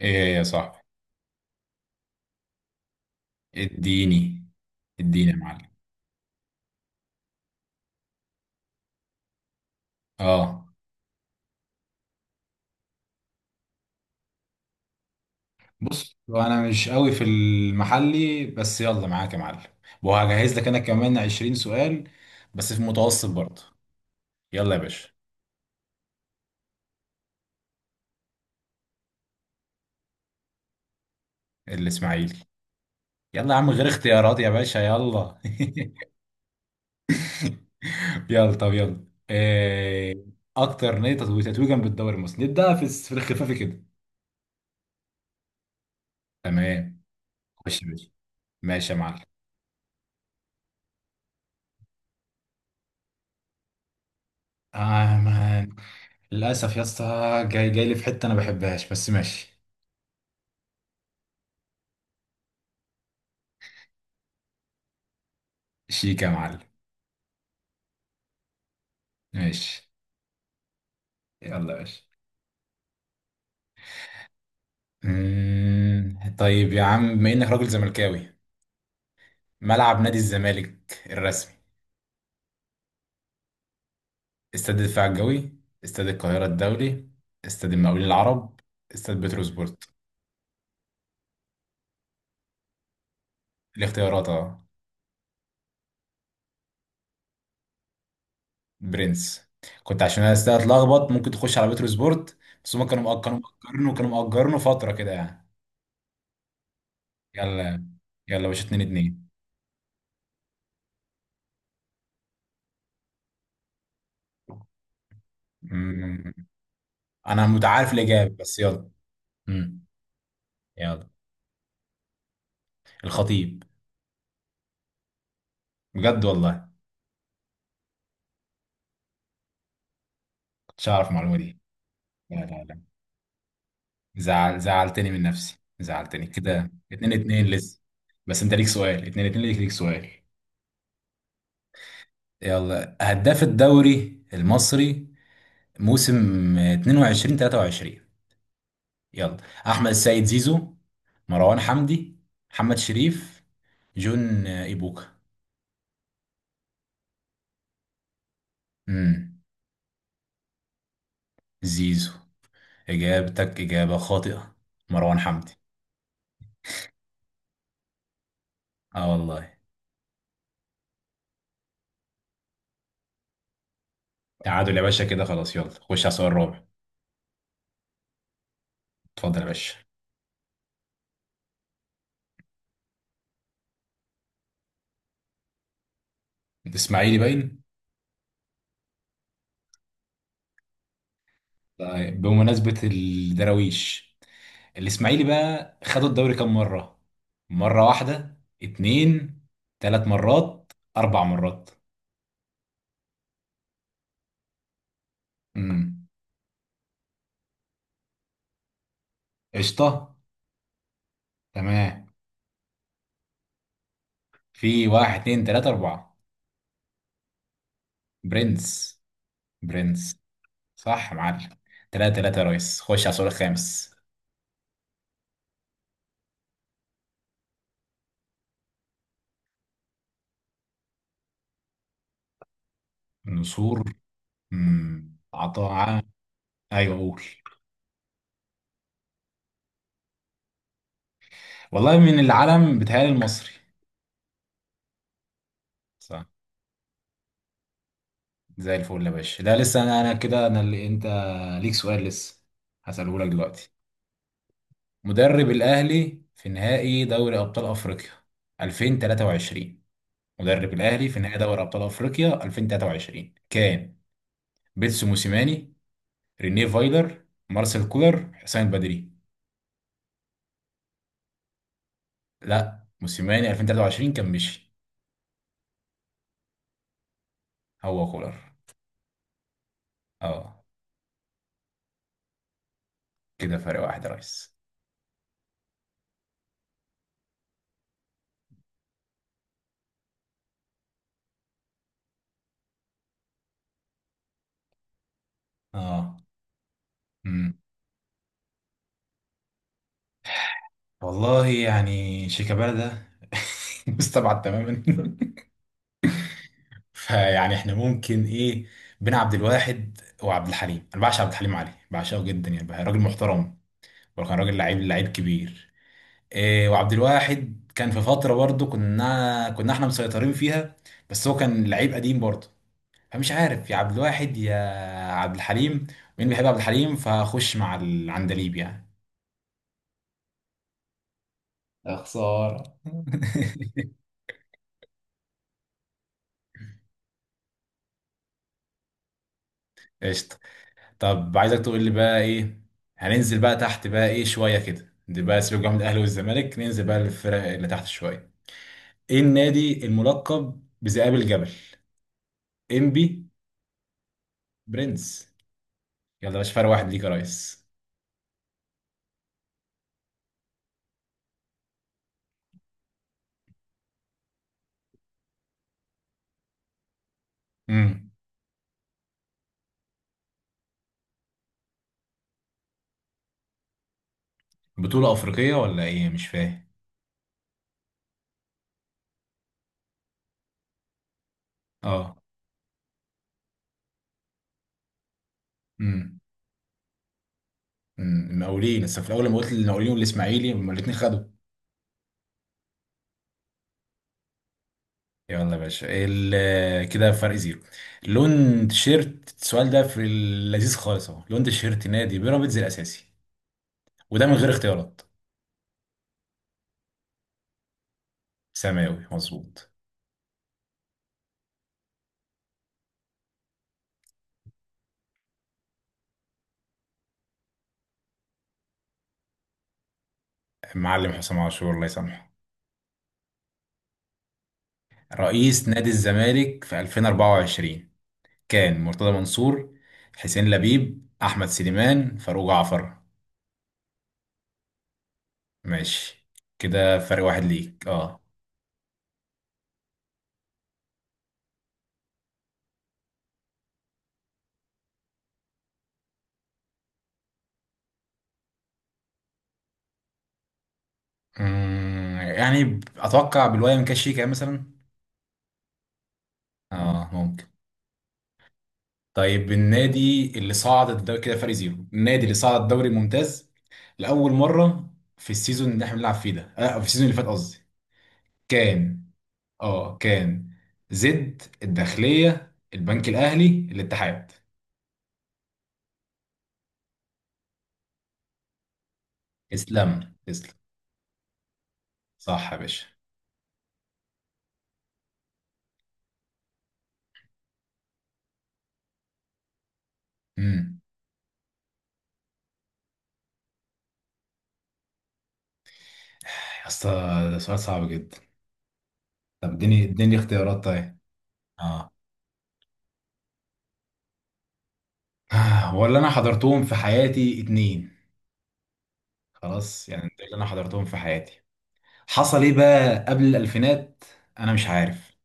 ايه يا صاحبي؟ اديني اديني يا معلم. اه، بص، هو انا مش قوي في المحلي بس يلا معاك يا معلم. وهجهز لك انا كمان 20 سؤال بس في متوسط برضه. يلا يا باشا. الاسماعيلي. يلا يا عم غير اختيارات يا باشا، يلا. يلا طب، يلا إيه؟ اكتر نادي تتويجا بالدوري المصري، نبدا في الخفافي كده. تمام. خش يا باشا. ماشي يا معلم. آه للأسف يا اسطى، جاي جاي لي في حتة أنا بحبهاش بس ماشي. شيك يا معلم. ماشي. يلا يا باشا. طيب يا عم بما إنك راجل زملكاوي، ملعب نادي الزمالك الرسمي: استاد الدفاع الجوي، استاد القاهرة الدولي، استاد المقاولين العرب، استاد بتروسبورت. الاختيارات، اه. برنس. كنت عشان انا استاد اتلخبط ممكن تخش على بتروسبورت. بس هما كانوا مأجرينه فترة كده يعني. يلا. يلا يا باشا 2-2. انا متعارف الاجابه بس يلا. امم يلا. الخطيب. بجد والله. كنتش اعرف المعلومه دي. لا لا لا، زعل زعلتني من نفسي، زعلتني كده اتنين اتنين لسه. بس انت ليك سؤال، اتنين اتنين، ليك ليك سؤال. يلا، هداف الدوري المصري موسم 22/23. يلا. احمد السيد زيزو، مروان حمدي، محمد شريف، جون ايبوكا. امم زيزو، اجابتك اجابه خاطئه. مروان حمدي. اه والله. تعادل يا باشا كده، خلاص يلا خش على السؤال الرابع. اتفضل يا باشا. الاسماعيلي باين. طيب بمناسبة الدراويش، الاسماعيلي بقى خد الدوري كام مرة؟ مرة واحدة، اتنين، تلات مرات، أربع مرات. امم قشطة. تمام. في واحد اتنين تلاتة أربعة. برنس. برنس. صح يا معلم. تلاتة تلاتة يا ريس، خش على السؤال الخامس. نسور. امم عطاء ع- أيوه قول. والله من العلم بتهيألي المصري. صح. زي الفل يا باشا، لا لسه انا كده، انا اللي انت، ليك سؤال لسه، هسأله لك دلوقتي. مدرب الاهلي في نهائي دوري ابطال افريقيا 2023، مدرب الاهلي في نهائي دوري ابطال افريقيا 2023 كان: بيتسو موسيماني، رينيه فايلر، مارسيل كولر، حسام بدري. لا، موسيماني 2023 كان مشي. هو كولر. اه كده فرق واحد يا ريس. اه. امم والله يعني شيكابالا ده مستبعد تماما. فيعني احنا ممكن ايه؟ بين عبد الواحد وعبد الحليم، انا بعشق عبد الحليم علي، بعشقه جدا يعني، بقى راجل محترم وكان راجل لعيب لعيب كبير. إيه، وعبد الواحد كان في فتره برضه كنا احنا مسيطرين فيها، بس هو كان لعيب قديم برضه. فمش عارف يا عبد الواحد يا عبد الحليم. مين بيحب عبد الحليم فخش مع العندليب يعني. يا خسارة قشطه. طب عايزك تقول لي بقى ايه، هننزل بقى تحت بقى ايه شويه كده. دي بقى سيبك بقى من الاهلي والزمالك، ننزل بقى للفرق اللي تحت شويه. ايه النادي الملقب بذئاب الجبل؟ ام بي. برنس. يلا يا باشا، فرق واحد ليك يا ريس. امم بطوله افريقيه ولا ايه؟ مش فاهم. اه. امم المقاولين لسه في الاول، لما قلت المقاولين والاسماعيلي هما الاثنين خدوا. يلا يا باشا، كده فرق زيرو. لون تيشيرت السؤال ده في اللذيذ خالص اهو، لون تيشيرت نادي بيراميدز الاساسي، وده من غير اختيارات. سماوي مظبوط. المعلم حسام عاشور، الله يسامحه. رئيس نادي الزمالك في 2024 كان: مرتضى منصور، حسين لبيب، أحمد سليمان، فاروق جعفر. ماشي. كده فرق واحد ليك، اه. يعني أتوقع بالوايم كاشيكا مثلا. اه ممكن. طيب النادي اللي صعد الدوري، كده فرق زيرو، النادي اللي صعد الدوري الممتاز لأول مرة في السيزون اللي احنا بنلعب فيه ده، في السيزون اللي فات قصدي، كان، اه كان: زد، الداخلية، البنك الأهلي، الاتحاد. تسلم تسلم. صح يا باشا. امم يا اسطى ده سؤال صعب جدا. طب اديني اديني اختيارات طيب. اه. ولا انا حضرتهم في حياتي اتنين، خلاص يعني ده اللي انا حضرتهم في حياتي. حصل ايه بقى قبل الألفينات؟ انا مش عارف.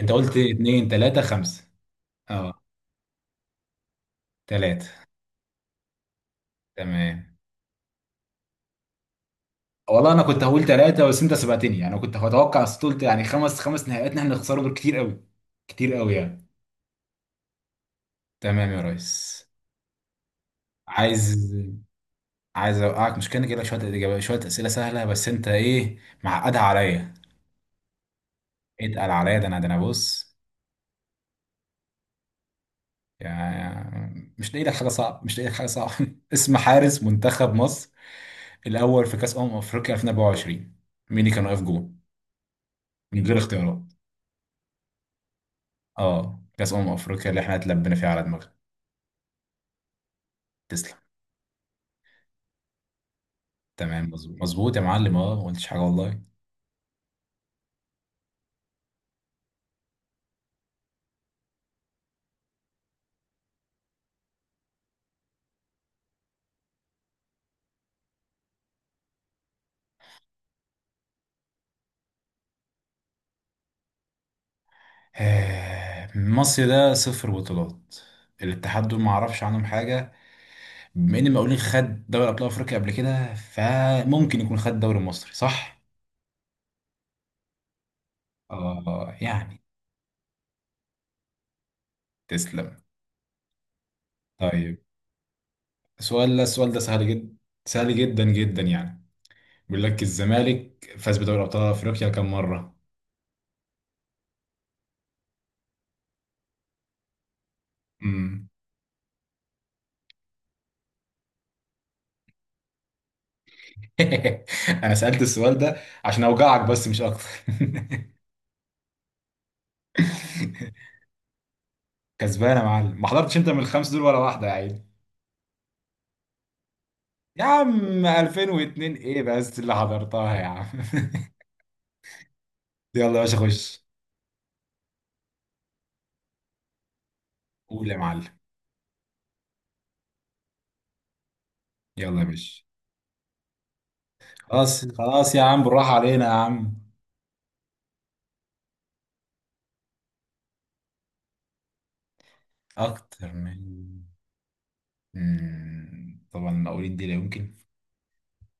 انت قلت اتنين تلاتة خمسة. اه. تلاتة. تمام. والله انا كنت هقول ثلاثه بس انت سبقتني يعني، انا كنت هتوقع بس قلت يعني خمس خمس نهائيات إن احنا نخسرهم دول كتير قوي. كتير قوي يعني. تمام يا ريس. عايز عايز اوقعك، مش كان كده شويه اجابات شويه اسئله سهله بس انت ايه معقدها عليا، اتقل عليا. ده انا، ده انا بص، يعني مش لاقي لك حاجه صعبه مش لاقي لك حاجه صعبه اسم حارس منتخب مصر الاول في كاس افريقيا 2024، مين اللي كان واقف جول، من غير اختيارات؟ اه، كاس افريقيا اللي احنا اتلبينا فيها على دماغنا. تسلم. تمام مظبوط مظبوط يا معلم، اه ما قلتش حاجه والله. مصر ده صفر بطولات. الاتحاد دول ما اعرفش عنهم حاجه. بما ان مقاولين خد دوري ابطال افريقيا قبل كده، فممكن يكون خد دوري مصري، صح. اه يعني. تسلم. طيب. السؤال ده السؤال ده سهل جدا، سهل جدا جدا يعني. بيقول لك الزمالك فاز بدوري ابطال افريقيا كم مره؟ امم انا سالت السؤال ده عشان اوجعك بس مش اكتر. كسبان يا معلم، ما حضرتش انت من الخمس دول ولا واحده يا عيني. يا عم 2002 ايه بس اللي حضرتها يا عم؟ يلا يا باشا خش. قول يا معلم. يلا يا باشا. خلاص خلاص يا عم، بالراحه علينا يا عم. اكتر من، طبعا المقاولين دي لا يمكن.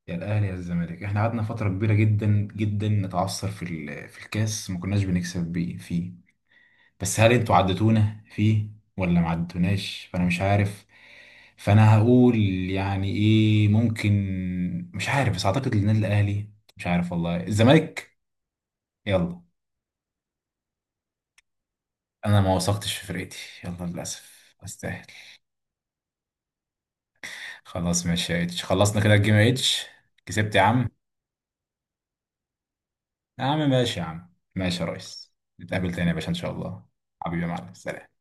يا الاهلي يا الزمالك، احنا قعدنا فتره كبيره جدا جدا نتعثر في الكاس، ما كناش بنكسب بيه فيه، بس هل انتوا عدتونا فيه ولا ما عدتوناش، فانا مش عارف. فانا هقول يعني ايه ممكن، مش عارف بس اعتقد النادي الاهلي. مش عارف والله، الزمالك. يلا. انا ما وثقتش في فرقتي. يلا للاسف استاهل. خلاص ماشي يا اتش، خلصنا كده الجيم يا اتش. كسبت يا عم. يا عم ماشي، يا عم ماشي يا ريس. نتقابل تاني يا باشا ان شاء الله. حبيبي يا معلم، سلام.